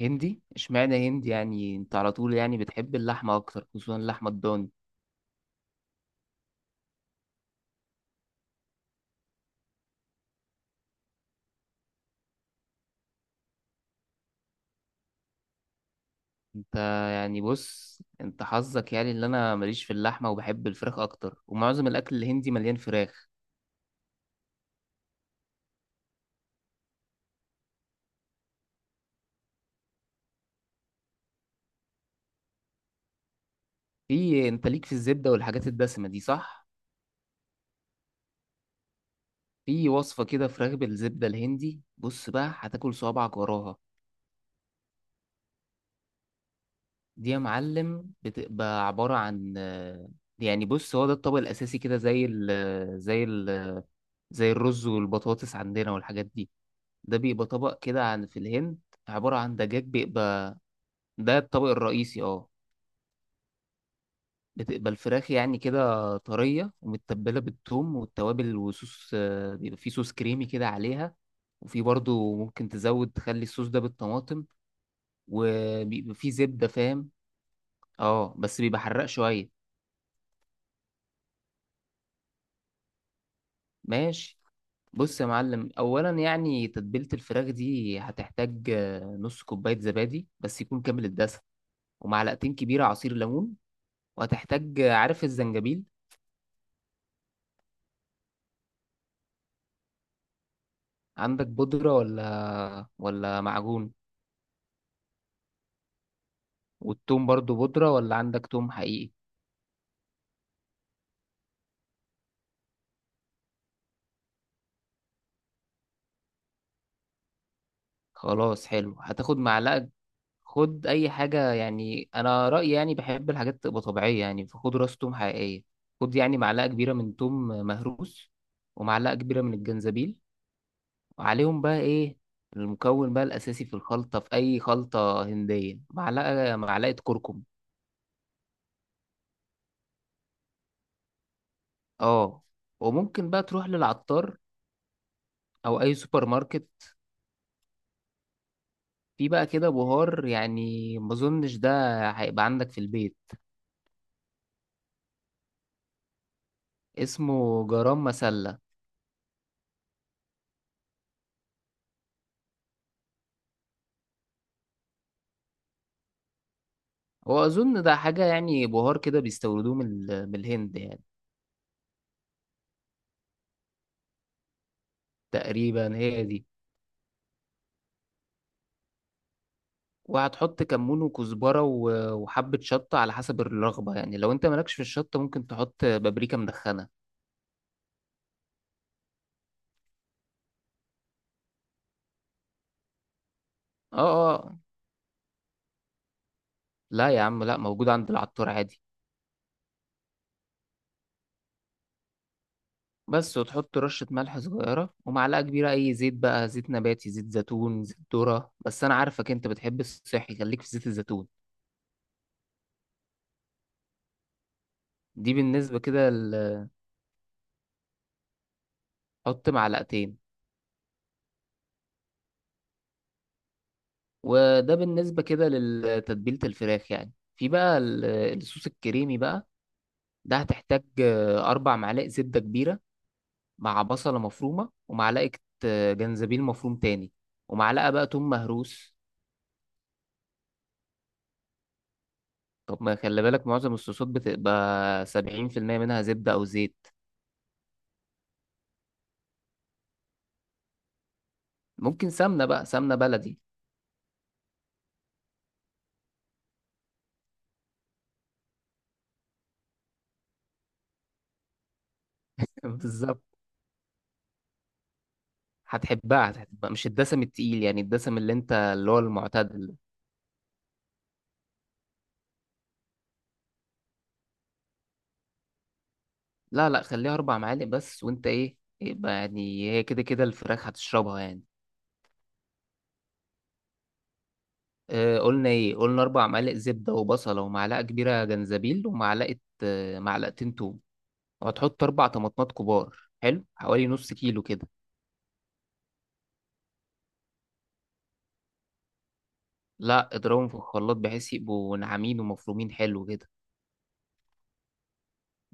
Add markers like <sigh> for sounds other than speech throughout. هندي؟ اشمعنى هندي؟ يعني انت على طول يعني بتحب اللحمة اكتر، خصوصا اللحمة الضاني. انت يعني بص، انت حظك يعني اللي، انا ماليش في اللحمة وبحب الفراخ اكتر، ومعظم الاكل الهندي مليان فراخ. في انت ليك في الزبدة والحاجات الدسمة دي، صح؟ في وصفة كده فراخ بالزبدة الهندي، بص بقى هتاكل صوابعك وراها. دي يا معلم بتبقى عبارة عن يعني بص، هو ده الطبق الأساسي كده، زي ال زي ال زي الرز والبطاطس عندنا والحاجات دي. ده بيبقى طبق كده عن في الهند، عبارة عن دجاج بيبقى. ده الطبق الرئيسي، اه. بتبقى الفراخ يعني كده طرية ومتبلة بالثوم والتوابل وصوص، بيبقى فيه صوص كريمي كده عليها. وفي برضو ممكن تزود تخلي الصوص ده بالطماطم، وبيبقى فيه زبدة، فاهم. اه بس بيبقى حراق شوية. ماشي، بص يا معلم. اولا يعني تتبيلة الفراخ دي هتحتاج نص كوباية زبادي، بس يكون كامل الدسم، ومعلقتين كبيرة عصير ليمون. وهتحتاج، عارف الزنجبيل؟ عندك بودرة ولا معجون؟ والثوم برضو بودرة ولا عندك ثوم حقيقي؟ خلاص، حلو، هتاخد معلقة. خد أي حاجة يعني، أنا رأيي يعني بحب الحاجات تبقى طبيعية، يعني فخد راس ثوم حقيقية. خد يعني معلقة كبيرة من ثوم مهروس، ومعلقة كبيرة من الجنزبيل. وعليهم بقى إيه؟ المكون بقى الأساسي في الخلطة، في أي خلطة هندية، معلقة، معلقة كركم. اه. وممكن بقى تروح للعطار او اي سوبر ماركت. في بقى كده بهار، يعني ما اظنش ده هيبقى عندك في البيت، اسمه جرام مسلة. هو اظن ده حاجة يعني بهار كده بيستوردوه من من الهند يعني. تقريبا هي دي. وهتحط كمون وكزبرة وحبة شطة على حسب الرغبة، يعني لو انت مالكش في الشطة ممكن تحط بابريكا مدخنة. اه اه. لا يا عم، لا، موجود عند العطار عادي. بس، وتحط رشة ملح صغيرة ومعلقة كبيرة أي زيت بقى، زيت نباتي، زيت زيتون، زيت ذرة، بس أنا عارفك أنت بتحب الصحي، خليك في زيت الزيتون. دي بالنسبة كده حط معلقتين. وده بالنسبة كده لتتبيلة الفراخ. يعني في بقى الصوص الكريمي بقى، ده هتحتاج 4 معالق زبدة كبيرة، مع بصلة مفرومة ومعلقة جنزبيل مفروم تاني، ومعلقة بقى توم مهروس. طب ما خلي بالك، معظم الصوصات بتبقى 70% منها زبدة أو زيت. ممكن سمنة بقى، سمنة بلدي. <laughs> بالظبط. هتحبها، هتحبها، مش الدسم التقيل يعني، الدسم اللي انت اللي هو المعتاد. لا لا، خليها 4 معالق بس، وانت ايه، يبقى يعني هي كده كده الفراخ هتشربها يعني. آه، قلنا ايه؟ قلنا اربع معالق زبدة وبصلة ومعلقة كبيرة جنزبيل، ومعلقة، آه، معلقتين توم. وهتحط 4 طماطمات كبار، حلو، حوالي نص كيلو كده. لا، اضربهم في الخلاط بحيث يبقوا ناعمين ومفرومين حلو كده.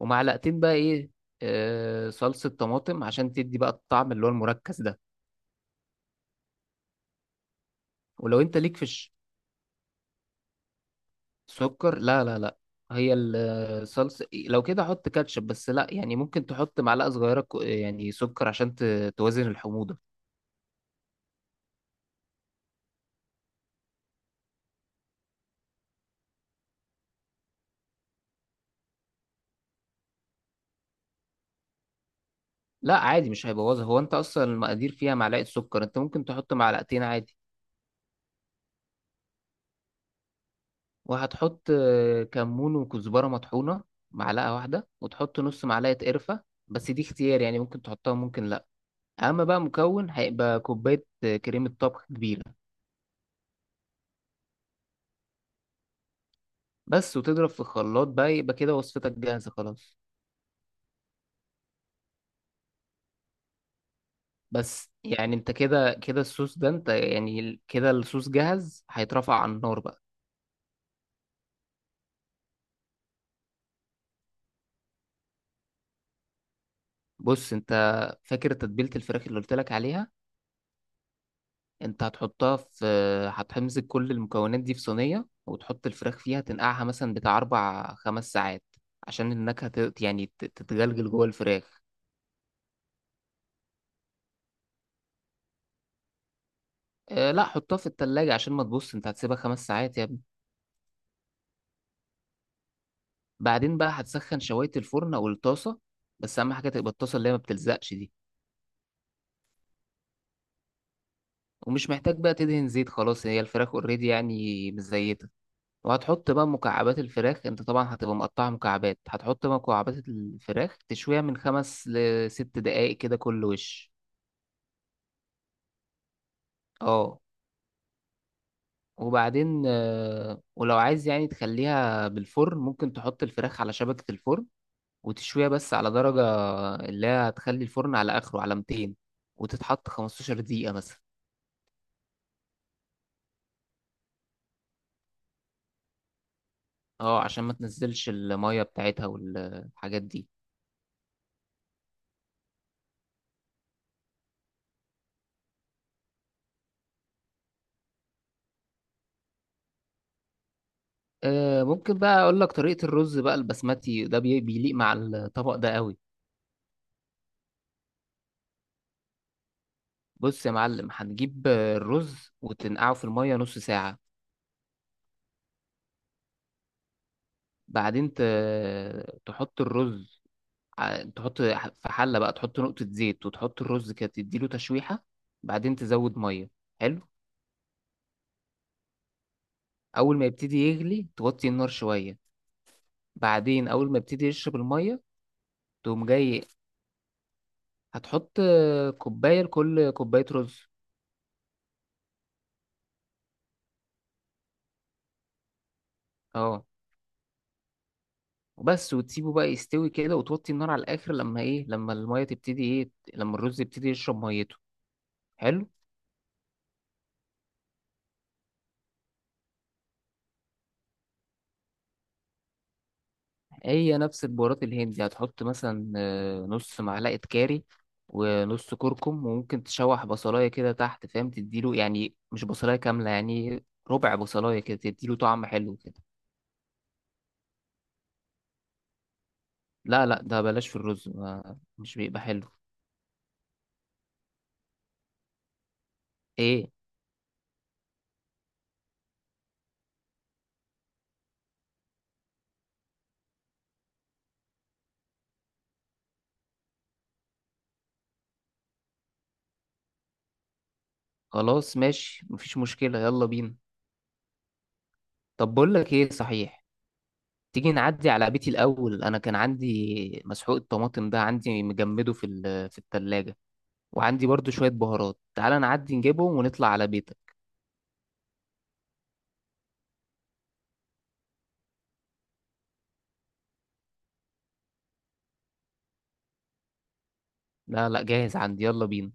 ومعلقتين بقى ايه، آه، صلصة طماطم، عشان تدي بقى الطعم اللي هو المركز ده. ولو انت ليك في سكر، لا لا لا. هي الصلصة لو كده حط كاتشب. بس لا يعني، ممكن تحط معلقة صغيرة يعني سكر، عشان توازن الحموضة. لا، عادي، مش هيبوظها. هو انت اصلا المقادير فيها معلقة سكر، انت ممكن تحط معلقتين عادي. وهتحط كمون وكزبرة مطحونة، معلقة واحدة، وتحط نص معلقة قرفة، بس دي اختيار، يعني ممكن تحطها، ممكن لا. اما بقى مكون هيبقى كوباية كريمة طبخ كبيرة بس. وتضرب في الخلاط بقى يبقى كده وصفتك جاهزة خلاص. بس يعني انت كده كده الصوص ده، انت يعني كده الصوص جاهز، هيترفع على النار بقى. بص انت، فاكر تتبيلة الفراخ اللي قلت لك عليها؟ انت هتحطها في، هتمسك كل المكونات دي في صينية وتحط الفراخ فيها، تنقعها مثلا بتاع أربع خمس ساعات، عشان النكهة يعني تتجلجل جوه الفراخ. اه لا، حطها في التلاجة عشان ما، تبص انت هتسيبها 5 ساعات يا ابني. بعدين بقى هتسخن شواية الفرن أو الطاسة، بس أهم حاجة تبقى الطاسة اللي هي ما بتلزقش دي. ومش محتاج بقى تدهن زيت، خلاص هي الفراخ اوريدي يعني مزيتة. وهتحط بقى مكعبات الفراخ، انت طبعا هتبقى مقطعة مكعبات، هتحط بقى مكعبات الفراخ تشويها من خمس لست دقايق كده كل وش. اه. وبعدين ولو عايز يعني تخليها بالفرن، ممكن تحط الفراخ على شبكة الفرن وتشويها، بس على درجة اللي هي، هتخلي الفرن على آخره على 200، وتتحط 15 دقيقة مثلا. اه عشان ما تنزلش المية بتاعتها والحاجات دي. ممكن بقى اقول لك طريقة الرز بقى البسمتي ده، بيليق مع الطبق ده قوي. بص يا معلم، هتجيب الرز وتنقعه في المية نص ساعة. بعدين تحط الرز، تحط في حلة بقى، تحط نقطة زيت، وتحط الرز كده تديله تشويحة. بعدين تزود مية، حلو. اول ما يبتدي يغلي، توطي النار شوية. بعدين اول ما يبتدي يشرب المية، تقوم جاي، هتحط كوباية لكل كوباية رز. اه. وبس، وتسيبه بقى يستوي كده، وتوطي النار على الاخر، لما ايه، لما الميه تبتدي ايه، لما الرز يبتدي يشرب ميته. حلو. هي نفس البهارات الهندي، هتحط مثلا نص معلقه كاري ونص كركم، وممكن تشوح بصلايه كده تحت فاهم، تديله، يعني مش بصلايه كامله يعني، ربع بصلايه كده، تديله طعم حلو كده. لا لا، ده بلاش في الرز، ما مش بيبقى حلو. ايه؟ خلاص ماشي، مفيش مشكله، يلا بينا. طب بقول لك ايه صحيح، تيجي نعدي على بيتي الأول. أنا كان عندي مسحوق الطماطم ده، عندي مجمده في في التلاجة، وعندي برضو شوية بهارات، تعال نعدي نجيبهم ونطلع على بيتك. لا لا، جاهز عندي، يلا بينا.